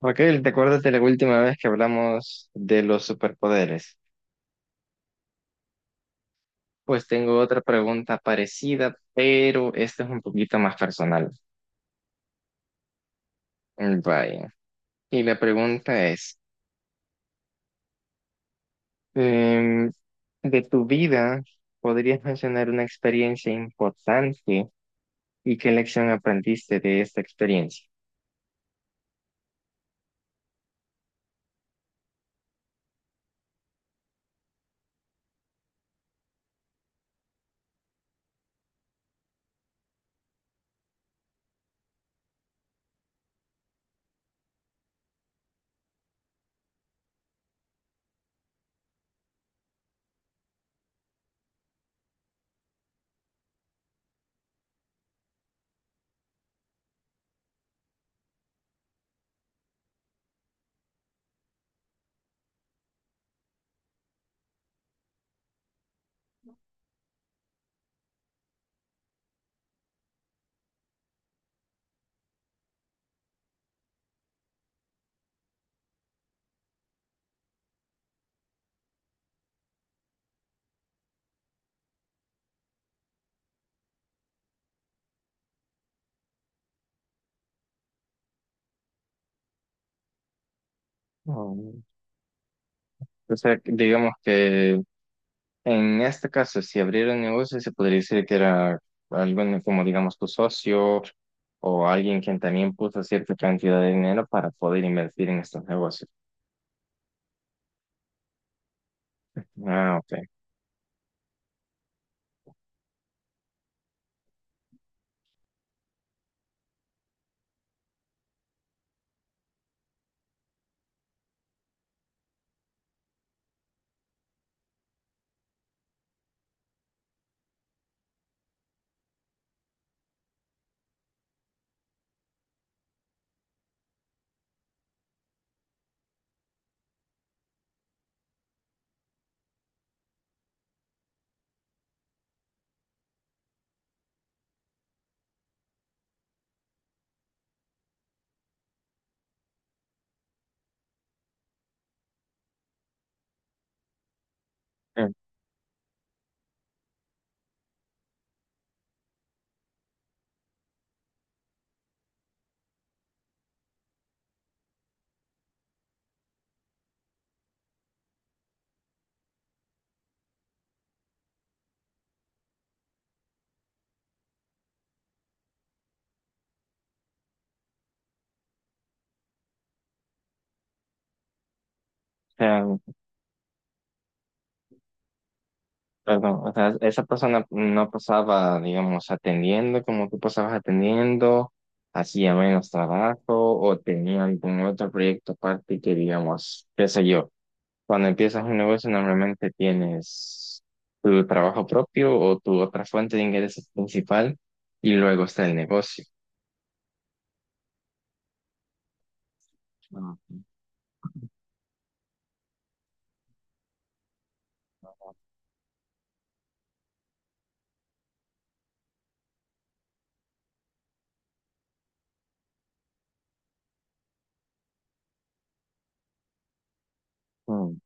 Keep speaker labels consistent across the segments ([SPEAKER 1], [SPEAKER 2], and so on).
[SPEAKER 1] Raquel, ¿te acuerdas de la última vez que hablamos de los superpoderes? Pues tengo otra pregunta parecida, pero esta es un poquito más personal. Vaya. Y la pregunta es, em, de tu vida, ¿podrías mencionar una experiencia importante y qué lección aprendiste de esta experiencia? Oh. O sea, digamos que, en este caso, si abriera un negocio, se podría decir que era alguien como, digamos, tu socio o alguien quien también puso cierta cantidad de dinero para poder invertir en estos negocios. Ah, ok. O sea, perdón, o sea, esa persona no pasaba, digamos, atendiendo como tú pasabas atendiendo, hacía menos trabajo o tenía algún otro proyecto aparte que, digamos, qué sé yo. Cuando empiezas un negocio, normalmente tienes tu trabajo propio o tu otra fuente de ingresos principal y luego está el negocio. Ah. Mm,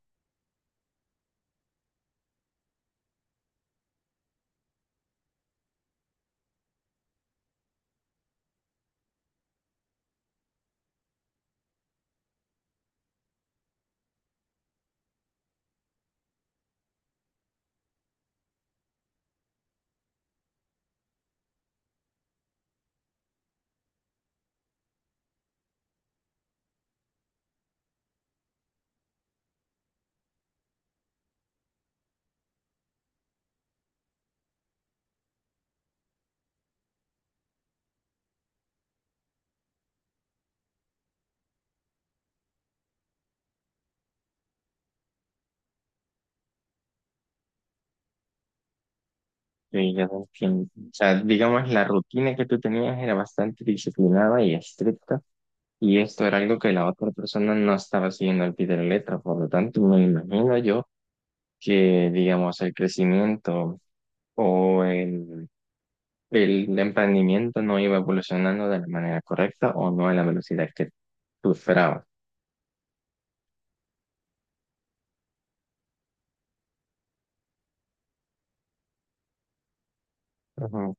[SPEAKER 1] sí, ya te entiendo. O sea, digamos, la rutina que tú tenías era bastante disciplinada y estricta y esto era algo que la otra persona no estaba siguiendo al pie de la letra. Por lo tanto, me imagino yo que, digamos, el crecimiento o el emprendimiento no iba evolucionando de la manera correcta o no a la velocidad que tú esperabas. Ujú,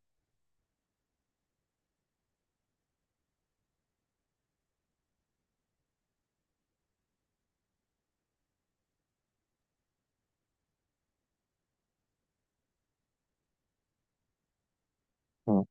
[SPEAKER 1] ujú,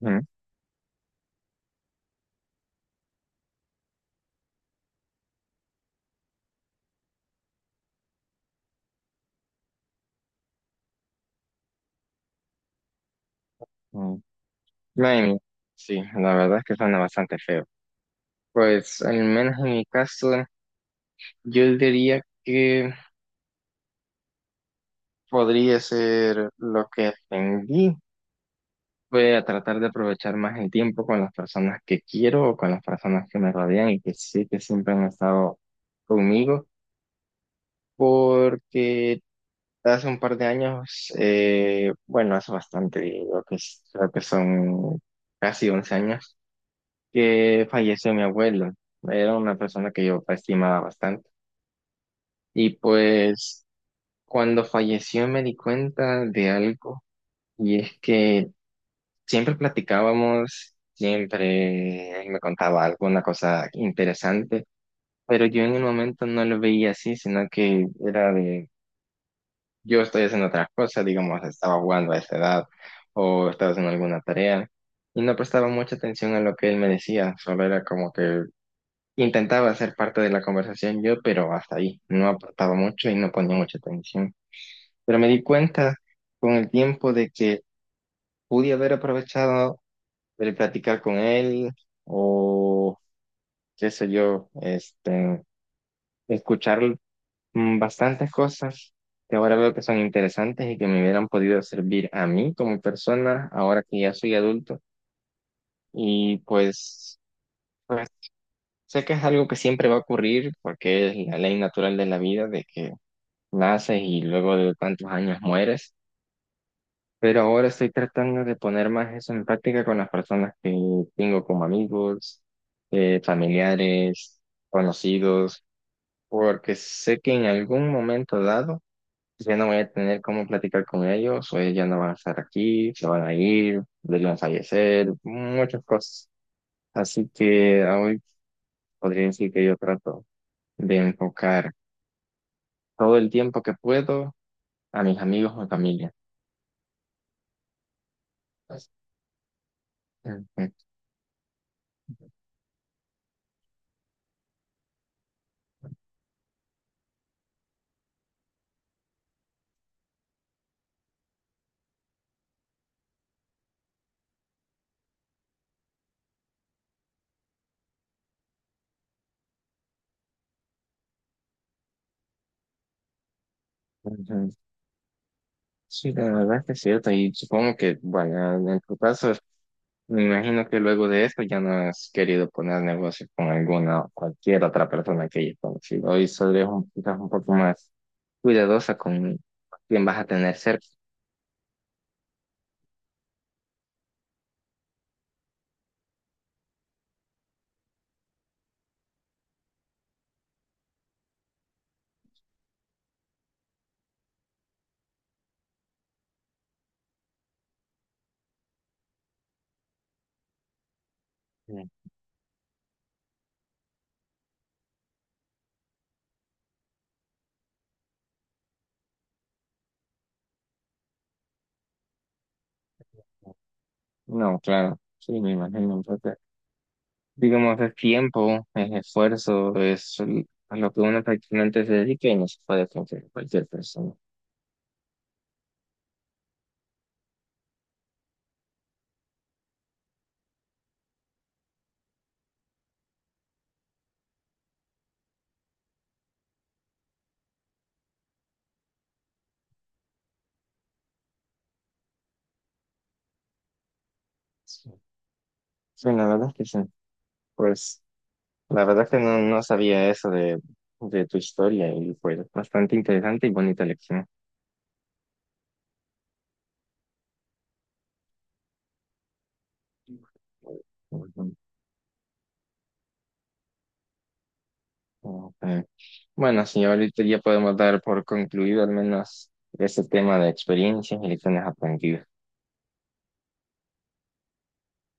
[SPEAKER 1] ujú, ujú. Bueno, sí, la verdad es que suena bastante feo. Pues al menos en mi caso, yo diría que podría ser lo que aprendí. Voy a tratar de aprovechar más el tiempo con las personas que quiero o con las personas que me rodean y que sí que siempre han estado conmigo, porque hace un par de años, bueno, hace bastante, digo que, creo que son casi 11 años, que falleció mi abuelo. Era una persona que yo estimaba bastante. Y pues cuando falleció me di cuenta de algo, y es que siempre platicábamos, siempre él me contaba alguna cosa interesante, pero yo en el momento no lo veía así, sino que era de yo estoy haciendo otra cosa, digamos, estaba jugando a esa edad o estaba haciendo alguna tarea y no prestaba mucha atención a lo que él me decía, solo era como que intentaba ser parte de la conversación yo, pero hasta ahí, no aportaba mucho y no ponía mucha atención. Pero me di cuenta con el tiempo de que pude haber aprovechado el platicar con él o qué sé yo, este, escuchar bastantes cosas que ahora veo que son interesantes y que me hubieran podido servir a mí como persona ahora que ya soy adulto. Y pues, pues sé que es algo que siempre va a ocurrir porque es la ley natural de la vida de que naces y luego de tantos años mueres. Pero ahora estoy tratando de poner más eso en práctica con las personas que tengo como amigos, familiares, conocidos, porque sé que en algún momento dado pues ya no voy a tener cómo platicar con ellos, o ellos ya no van a estar aquí, se van a ir, ellos van a fallecer, muchas cosas. Así que hoy podría decir que yo trato de enfocar todo el tiempo que puedo a mis amigos o familia. Ujú, ujú. Sí, la verdad es que es cierto, y supongo que, bueno, en tu caso, me imagino que luego de esto ya no has querido poner negocios con alguna o cualquier otra persona que hayas conocido, hoy solo es un, quizás un poco más cuidadosa con quién vas a tener cerca. Mm. No, claro, sí, me imagino. Entonces, digamos, es tiempo, es esfuerzo, es a lo que uno prácticamente se dedica y no se puede confiar en cualquier persona. Sí, sí, la verdad es que sí. Pues, la verdad es que no, no sabía eso de tu historia y fue bastante interesante y bonita lección. Ujú. Ok. Bueno, sí, ahorita ya podemos dar por concluido al menos ese tema de experiencias y lecciones aprendidas.